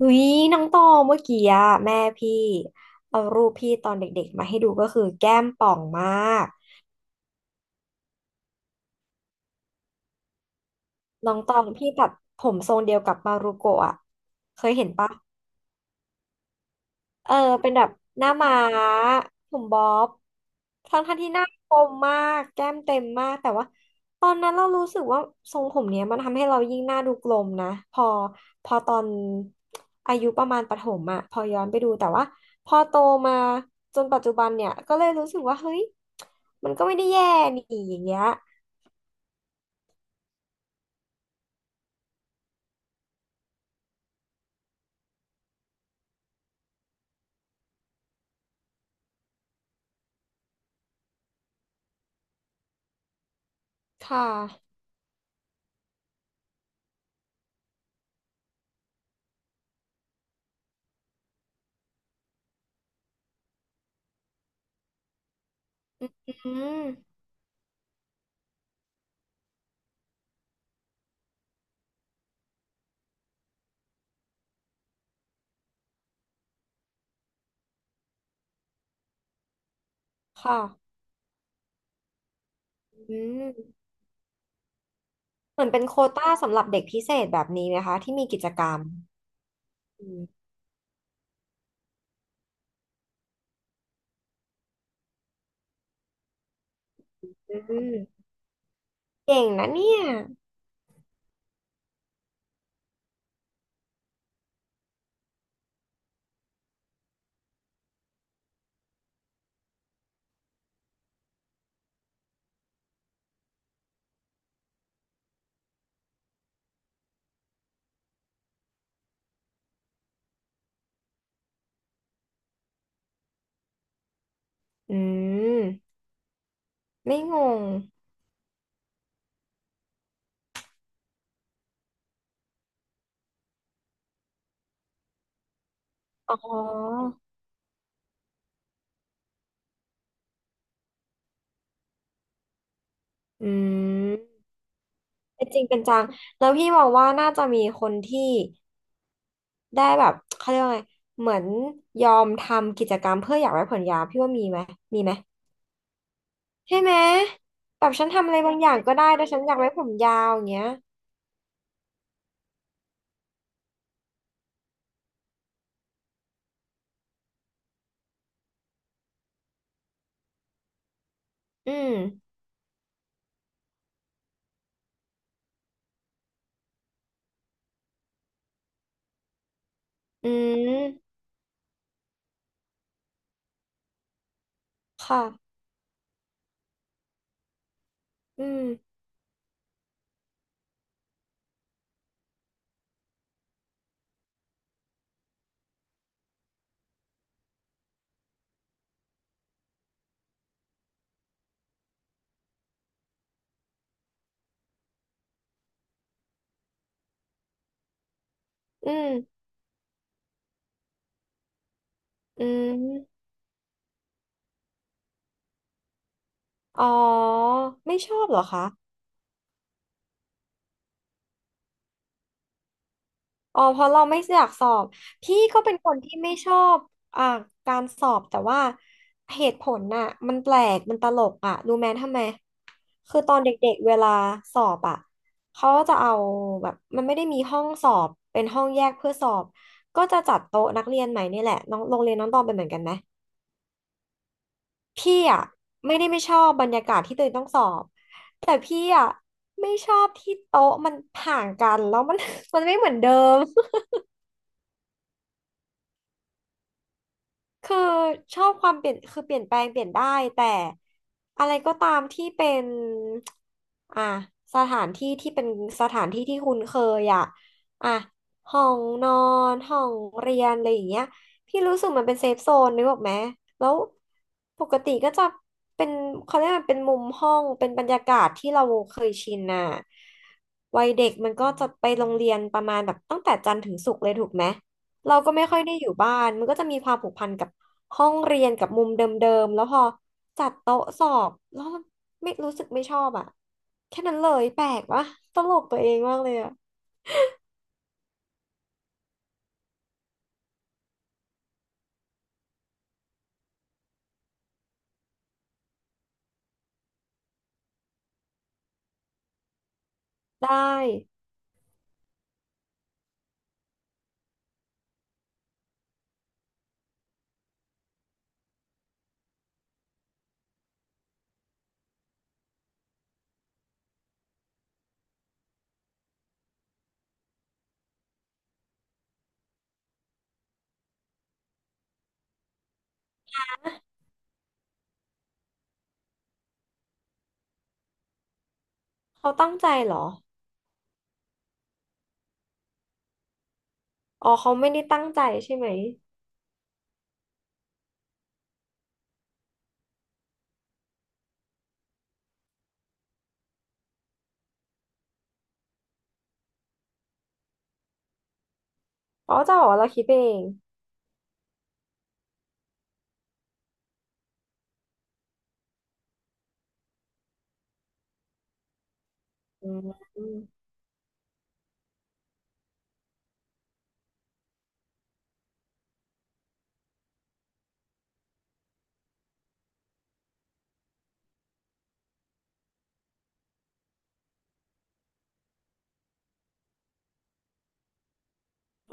อุ๊ยน้องตองเมื่อกี้อะแม่พี่เอารูปพี่ตอนเด็กๆมาให้ดูก็คือแก้มป่องมากน้องตองพี่ตัดผมทรงเดียวกับมารุโกะอะเคยเห็นปะ เออเป็นแบบหน้าม้าผมบ๊อบทั้งท่านที่หน้าคมมากแก้มเต็มมากแต่ว่าตอนนั้นเรารู้สึกว่าทรงผมเนี้ยมันทำให้เรายิ่งหน้าดูกลมนะพอตอนอายุประมาณประถมอะพอย้อนไปดูแต่ว่าพอโตมาจนปัจจุบันเนี่ยก็เลยรู้สึกว่าเฮ้ยมันก็ไม่ได้แย่นี่อย่างเงี้ยค่ะอืมค่ะอืมเหมือนเป็นโควต้าสำหรับเด็กพิเศษแบบนี้ไหมคะที่มีกิจกรรมอืม เก่งนะเนี่ยอืมไม่งง อ๋ออืมเป็นจริงเป็นจัง แล้วพี่มองว่าน่าจะมีคนที่ได้แบบเขาเรียกว่าไงเหมือนยอมทำกิจกรรมเพื่ออยากไว้ผมยาวพี่ว่ามีไหมมีไหมใช่ไหมแบบฉันทำอะไรบางอย่างก็ได้ แต่ฉันอยากไว้ผมยาวอย่างเงี้ยอืมอืมค่ะอืมอืมอืมอ๋อ ไม่ชอบเหรอคะ อ๋อเพราะเราไม่อยากสอบพี่ก็เป็นคนที่ไม่ชอบอ่าการสอบแต่ว่าเหตุผลน่ะมันแปลกมันตลกอ่ะรู้ไหมทำไมคือตอนเด็กๆเวลาสอบอ่ะเขาจะเอาแบบมันไม่ได้มีห้องสอบเป็นห้องแยกเพื่อสอบก็จะจัดโต๊ะนักเรียนใหม่นี่แหละน้องโรงเรียนน้องตองเป็นเหมือนกันไหมพี่อ่ะไม่ชอบบรรยากาศที่ตัวเองต้องสอบแต่พี่อ่ะไม่ชอบที่โต๊ะมันห่างกันแล้วมัน มันไม่เหมือนเดิม คือชอบความเปลี่ยนคือเปลี่ยนแปลงเปลี่ยนได้แต่อะไรก็ตามที่เป็นอ่ะสถานที่ที่เป็นสถานที่ที่คุ้นเคยอ่ะอ่ะห้องนอนห้องเรียนอะไรอย่างเงี้ยพี่รู้สึกมันเป็นเซฟโซนนึกออกไหมแล้วปกติก็จะเป็นเขาเรียกมันเป็นมุมห้องเป็นบรรยากาศที่เราเคยชินน่ะวัยเด็กมันก็จะไปโรงเรียนประมาณแบบตั้งแต่จันทร์ถึงศุกร์เลยถูกไหม เราก็ไม่ค่อยได้อยู่บ้านมันก็จะมีความผูกพันกับห้องเรียนกับมุมเดิมๆแล้วพอจัดโต๊ะสอบแล้วไม่รู้สึกไม่ชอบอ่ะแค่นั้นเลยแปลกวะตลกตัวเองมากเลยอ่ะได้เขาตั้งใจเหรออ๋อเขาไม่ได้ตั้งใจใช่ไหมอ๋อจะบอกว่าเราคิดไปเองอืม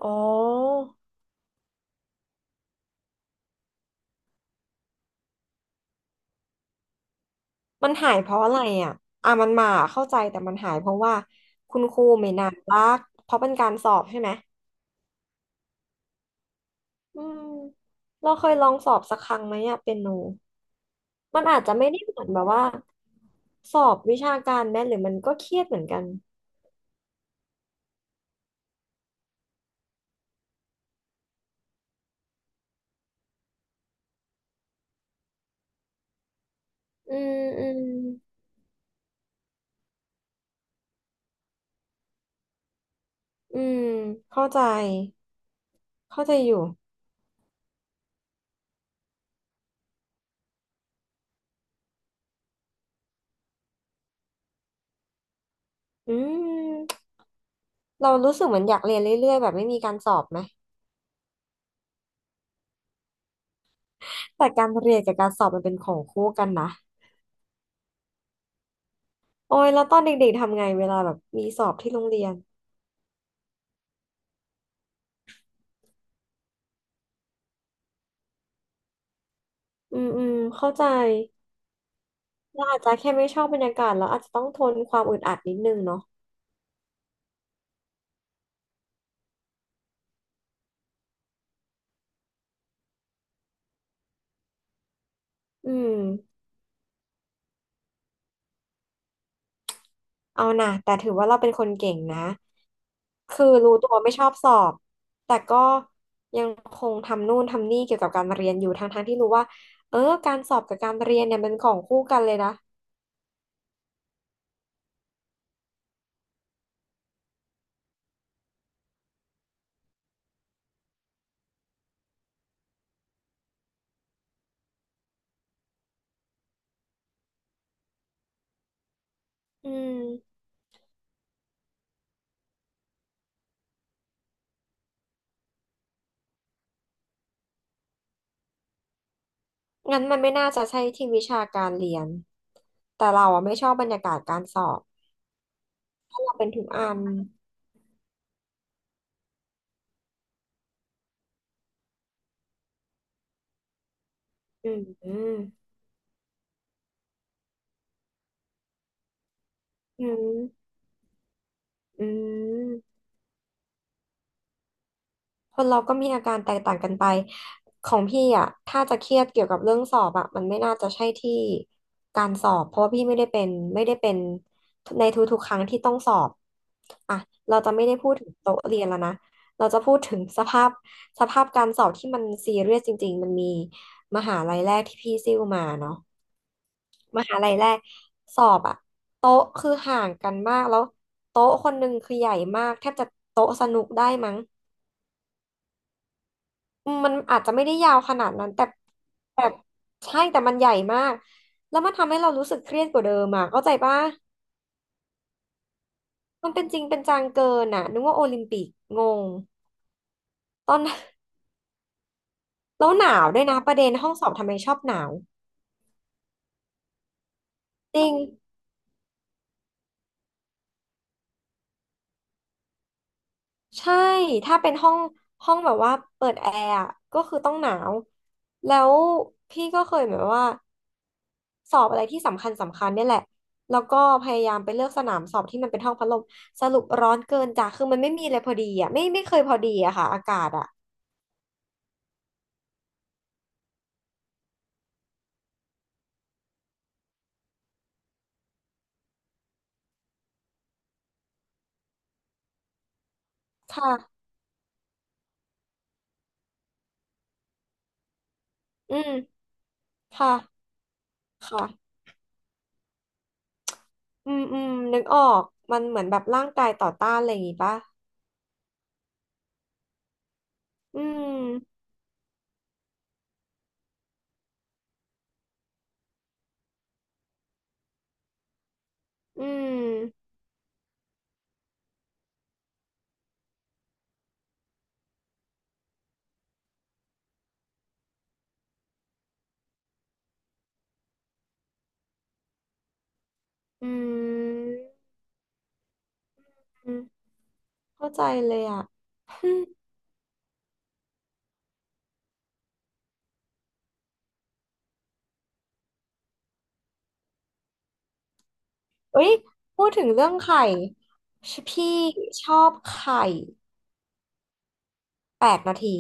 อ๋อมันหายเพราะอะไรอ่ะอ่ะมันมาเข้าใจแต่มันหายเพราะว่าคุณครูไม่น่ารักเพราะเป็นการสอบใช่ไหม อืมเราเคยลองสอบสักครั้งไหมอะเปียโนมันอาจจะไม่ได้เหมือนแบบว่าสอบวิชาการแม่หรือมันก็เครียดเหมือนกันอืมอืมอืมเข้าใจเข้าใจอยู่อืมเรารู้สึกเหมือนอยากเรียนเรื่อยๆแบบไม่มีการสอบไหมแต่การเรียนกับการสอบมันเป็นของคู่กันนะโอ้ยแล้วตอนเด็กๆทำไงเวลาแบบมีสอบที่โรงเรียนอืมอืมเข้าใจเราอาจจะแค่ไม่ชอบบรรยากาศแล้วอาจจะต้องทนความอึดอัดนิดนึงเนาะอืม เอานะแต่ถือว่าเราเป็นคนเก่งนะคือรู้ตัวไม่ชอบสอบแต่ก็ยังคงทำนู่นทำนี่เกี่ยวกับการเรียนอยู่ทั้งๆที่รู้ว่าเออการสอบกับการเรียนเนี่ยมันของคู่กันเลยนะอืมงั้นมันไม่น่าจะใช่ที่วิชาการเรียนแต่เราอ่ะไม่ชอบบรรยากาศการสอบเราเป็นถึงอัมอืมอืมอืม คนเราก็มีอาการแตกต่างกันไปของพี่อ่ะถ้าจะเครียดเกี่ยวกับเรื่องสอบอ่ะมันไม่น่าจะใช่ที่การสอบเพราะว่าพี่ไม่ได้เป็นในทุกๆครั้งที่ต้องสอบอ่ะเราจะไม่ได้พูดถึงโต๊ะเรียนแล้วนะเราจะพูดถึงสภาพการสอบที่มันซีเรียสจริงๆมันมีมหาลัยแรกที่พี่ซิ่วมาเนาะมหาลัยแรกสอบอ่ะโต๊ะคือห่างกันมากแล้วโต๊ะคนหนึ่งคือใหญ่มากแทบจะโต๊ะสนุกได้มั้ง มันอาจจะไม่ได้ยาวขนาดนั้นแต่ใช่แต่มันใหญ่มากแล้วมันทำให้เรารู้สึกเครียดกว่าเดิมอ่ะเข้าใจปะมันเป็นจริงเป็นจังเกินอ่ะนึกว่าโอลิมปิกงงตอน แล้วหนาวด้วยนะประเด็นห้องสอบทำไมชอบหนาวจริงใช่ถ้าเป็นห้องแบบว่าเปิดแอร์อะก็คือต้องหนาวแล้วพี่ก็เคยแบบว่า สอบอะไรที่สำคัญเนี่ยแหละ แล้วก็พยายามไปเลือกสนามสอบที่มันเป็นห้องพัดลมสรุปร้อนเกินจ้ะคือมันไม่มีอะไรพอดีอ่ะไม่เคยพอดีอะค่ะอากาศอ่ะค่ะอืมค่ะค่ะอืมอืมนึกออกมันเหมือนแบบร่างกายต่อต้านอะไรอย่างงี้ปะอืมอืมอืมอืมเข้าใจเลยอ่ะ อืมเอ้ยพูดถึงเรื่องไข่ชพี่ชอบไข่8 นาที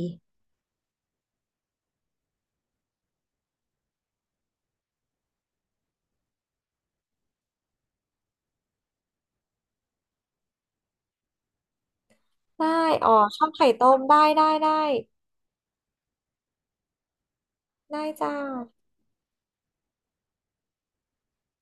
ได้อ๋อชอบไข่ต้มได้ได้ได้ ได้จ้า